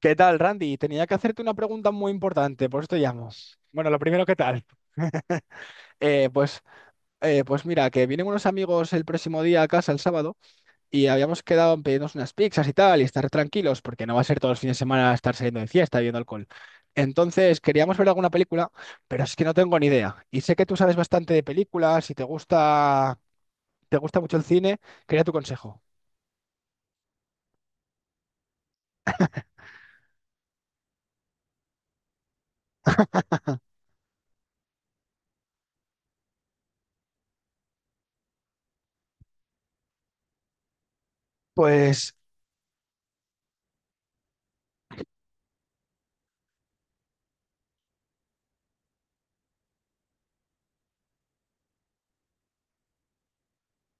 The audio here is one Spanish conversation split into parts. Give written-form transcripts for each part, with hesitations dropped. ¿Qué tal, Randy? Tenía que hacerte una pregunta muy importante, por eso te llamo. Bueno, lo primero, ¿qué tal? Eh, pues, pues mira, que vienen unos amigos el próximo día a casa, el sábado, y habíamos quedado en pedirnos unas pizzas y tal, y estar tranquilos, porque no va a ser todos los fines de semana estar saliendo de fiesta, bebiendo alcohol. Entonces, queríamos ver alguna película, pero es que no tengo ni idea. Y sé que tú sabes bastante de películas y te gusta mucho el cine, quería tu consejo. Pues.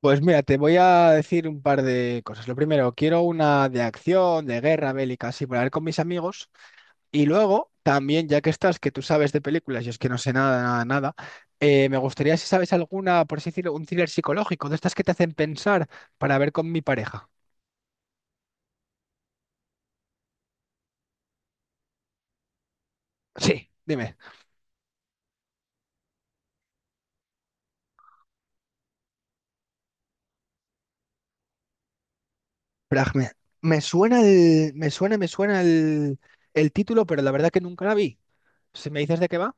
Pues mira, te voy a decir un par de cosas. Lo primero, quiero una de acción, de guerra bélica, así para ver con mis amigos. Y luego, también, ya que estás, que tú sabes de películas, yo es que no sé nada, nada, nada, me gustaría si sabes alguna, por así decirlo, un thriller psicológico, de estas que te hacen pensar para ver con mi pareja. Sí, dime. Fragme. Me suena el título, pero la verdad que nunca la vi. Si me dices de qué va.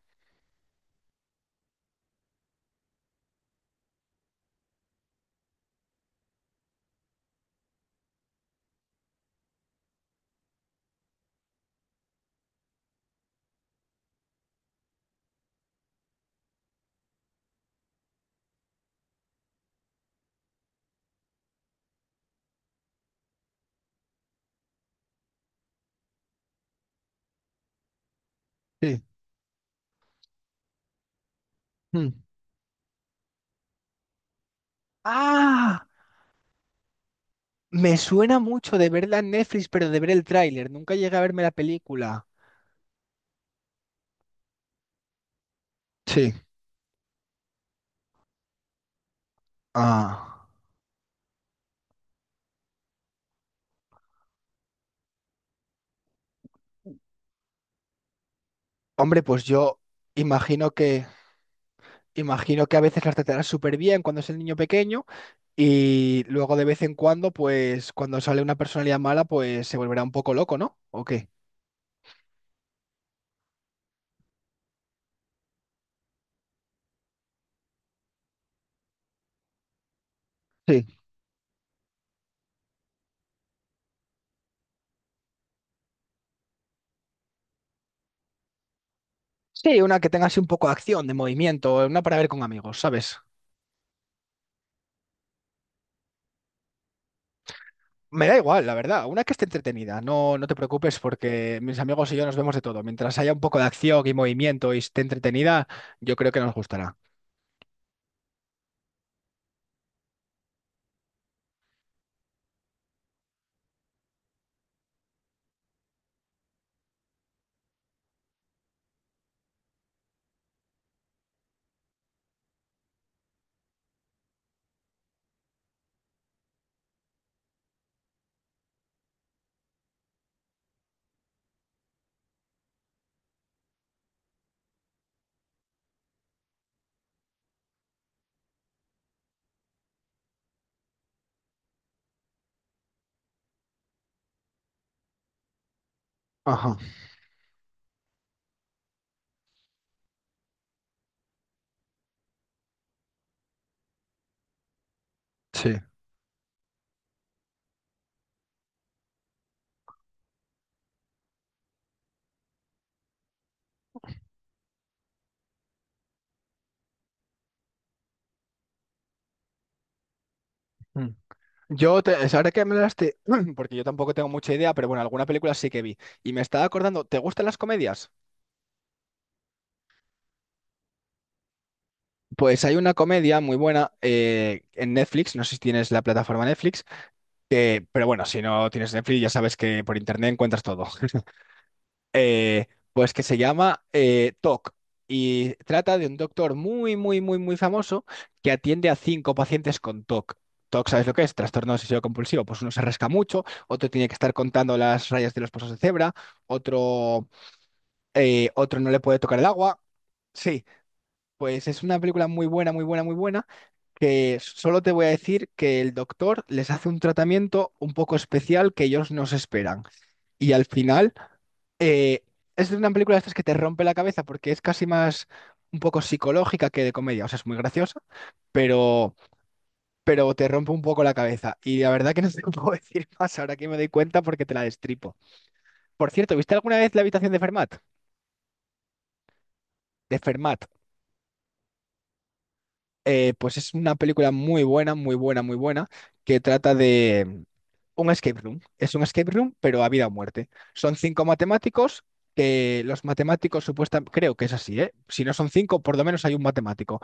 Sí. Mm. ¡Ah! Me suena mucho de verla en Netflix, pero de ver el tráiler. Nunca llegué a verme la película. Sí. Ah. Hombre, pues yo imagino que imagino que a veces las tratarán súper bien cuando es el niño pequeño y luego de vez en cuando, pues cuando sale una personalidad mala, pues se volverá un poco loco, ¿no? ¿O qué? Sí. Sí, una que tenga así un poco de acción, de movimiento, una para ver con amigos, ¿sabes? Me da igual, la verdad. Una que esté entretenida. No, no te preocupes porque mis amigos y yo nos vemos de todo. Mientras haya un poco de acción y movimiento y esté entretenida, yo creo que nos gustará. Ajá, sí. Mm. Es ahora que me hablaste, porque yo tampoco tengo mucha idea, pero bueno, alguna película sí que vi. Y me estaba acordando, ¿te gustan las comedias? Pues hay una comedia muy buena en Netflix, no sé si tienes la plataforma Netflix, pero bueno, si no tienes Netflix ya sabes que por internet encuentras todo. eh, pues que se llama TOC y trata de un doctor muy, muy, muy, muy famoso que atiende a cinco pacientes con TOC. TOC, ¿sabes lo que es? Trastorno obsesivo compulsivo. Pues uno se rasca mucho, otro tiene que estar contando las rayas de los pasos de cebra, otro, otro no le puede tocar el agua. Sí, pues es una película muy buena, muy buena, muy buena, que solo te voy a decir que el doctor les hace un tratamiento un poco especial que ellos no se esperan. Y al final eh, es una película de estas que te rompe la cabeza porque es casi más un poco psicológica que de comedia. O sea, es muy graciosa, pero, pero te rompe un poco la cabeza. Y la verdad que no te puedo decir más ahora que me doy cuenta porque te la destripo. Por cierto, ¿viste alguna vez La habitación de Fermat? De Fermat. Pues es una película muy buena, muy buena, muy buena, que trata de un escape room. Es un escape room, pero a vida o muerte. Son cinco matemáticos, que los matemáticos supuestamente, creo que es así, ¿eh? Si no son cinco, por lo menos hay un matemático.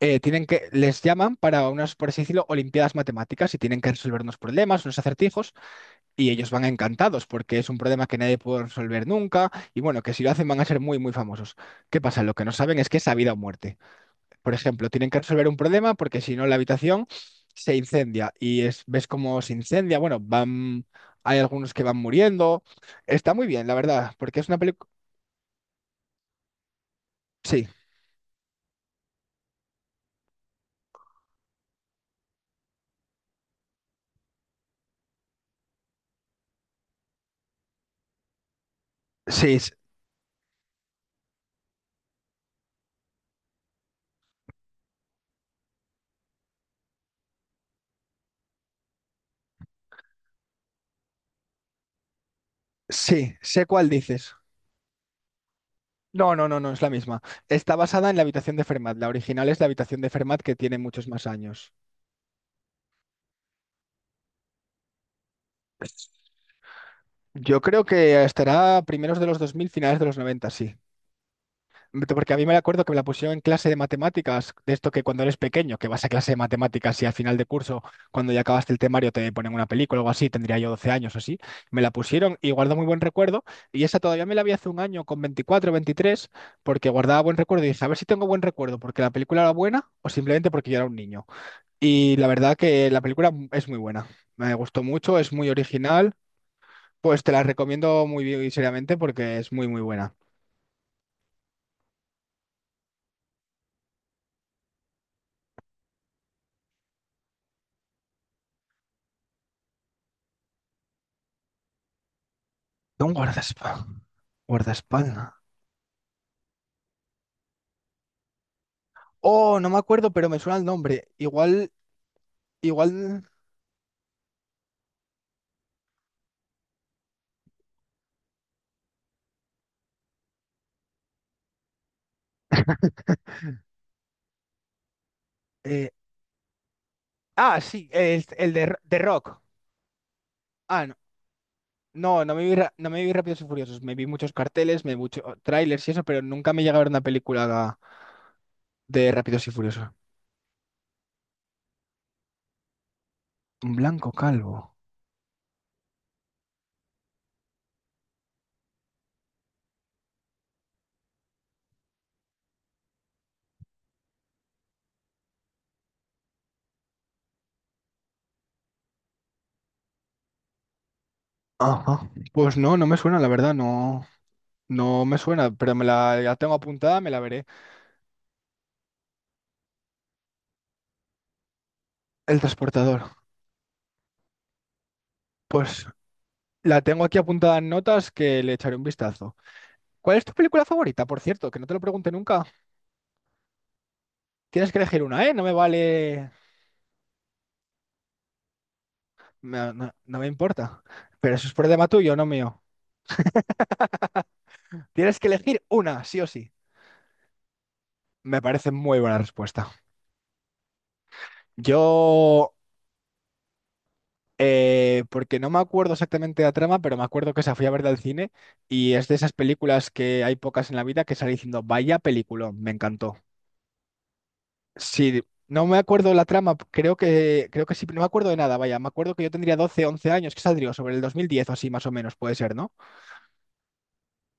Tienen que, les llaman para unas, por así decirlo, olimpiadas matemáticas y tienen que resolver unos problemas, unos acertijos, y ellos van encantados porque es un problema que nadie puede resolver nunca, y bueno, que si lo hacen van a ser muy, muy famosos. ¿Qué pasa? Lo que no saben es que es a vida o muerte. Por ejemplo, tienen que resolver un problema porque si no la habitación se incendia y es, ves cómo se incendia. Bueno, van, hay algunos que van muriendo. Está muy bien, la verdad, porque es una película... Sí, sí, sí, sé cuál dices. No, no, no, no, es la misma. Está basada en la habitación de Fermat. La original es la habitación de Fermat que tiene muchos más años. Yo creo que estará primeros de los 2000 finales de los 90. Sí. Porque a mí me acuerdo que me la pusieron en clase de matemáticas, de esto que cuando eres pequeño, que vas a clase de matemáticas y al final de curso, cuando ya acabaste el temario, te ponen una película o algo así, tendría yo 12 años o así. Me la pusieron y guardo muy buen recuerdo. Y esa todavía me la vi hace un año con 24, 23, porque guardaba buen recuerdo y dije, a ver si tengo buen recuerdo, porque la película era buena o simplemente porque yo era un niño. Y la verdad que la película es muy buena. Me gustó mucho, es muy original. Pues te la recomiendo muy bien y seriamente porque es muy, muy buena. De un guardaespaldas. Guardaespaldas. Oh, no me acuerdo, pero me suena el nombre. Igual, igual. eh, Ah, sí, el de Rock. Ah, no. No, no me vi Rápidos y Furiosos. Me vi muchos carteles, me vi muchos trailers y eso, pero nunca me llega a ver una película de Rápidos y Furiosos. Un blanco calvo. Ajá. Pues no, no me suena, la verdad, no. No me suena, pero me la tengo apuntada, me la veré. El transportador. Pues la tengo aquí apuntada en notas que le echaré un vistazo. ¿Cuál es tu película favorita, por cierto? Que no te lo pregunte nunca. Tienes que elegir una, ¿eh? No me vale... No, no me importa. Pero eso es problema tuyo, no mío. Tienes que elegir una, sí o sí. Me parece muy buena respuesta. Yo... Porque no me acuerdo exactamente la trama, pero me acuerdo que esa fui a verla al cine y es de esas películas que hay pocas en la vida que salí diciendo, vaya peliculón, me encantó. Sí, no me acuerdo la trama, creo que sí, no me acuerdo de nada, vaya, me acuerdo que yo tendría 12 11 años, que saldría sobre el 2010 o así más o menos, puede ser, ¿no?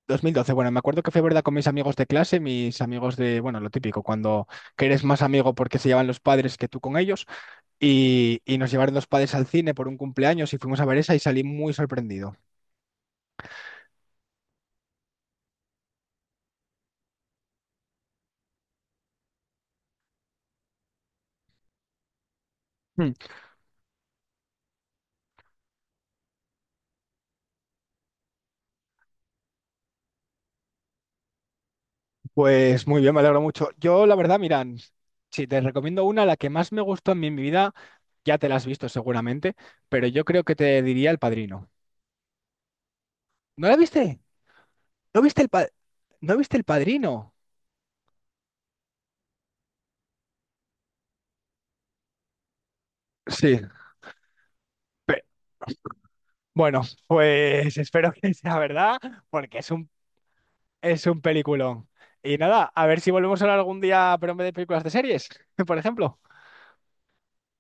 2012. Bueno, me acuerdo que fue verdad con mis amigos de clase, mis amigos de, bueno, lo típico, cuando que eres más amigo porque se llevan los padres que tú con ellos, y nos llevaron los padres al cine por un cumpleaños y fuimos a ver esa y salí muy sorprendido. Hmm. Pues muy bien, me alegro mucho. Yo, la verdad, mira, si te recomiendo una, la que más me gustó a mí en mi vida, ya te la has visto seguramente, pero yo creo que te diría El Padrino. ¿No la viste? ¿No viste el pa- ¿No viste El Padrino? Sí. Pe- bueno, pues espero que sea verdad, porque es un, peliculón. Y nada, a ver si volvemos a hablar algún día, pero en vez de películas de series, por ejemplo.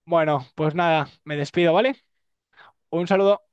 Bueno, pues nada, me despido, ¿vale? Un saludo.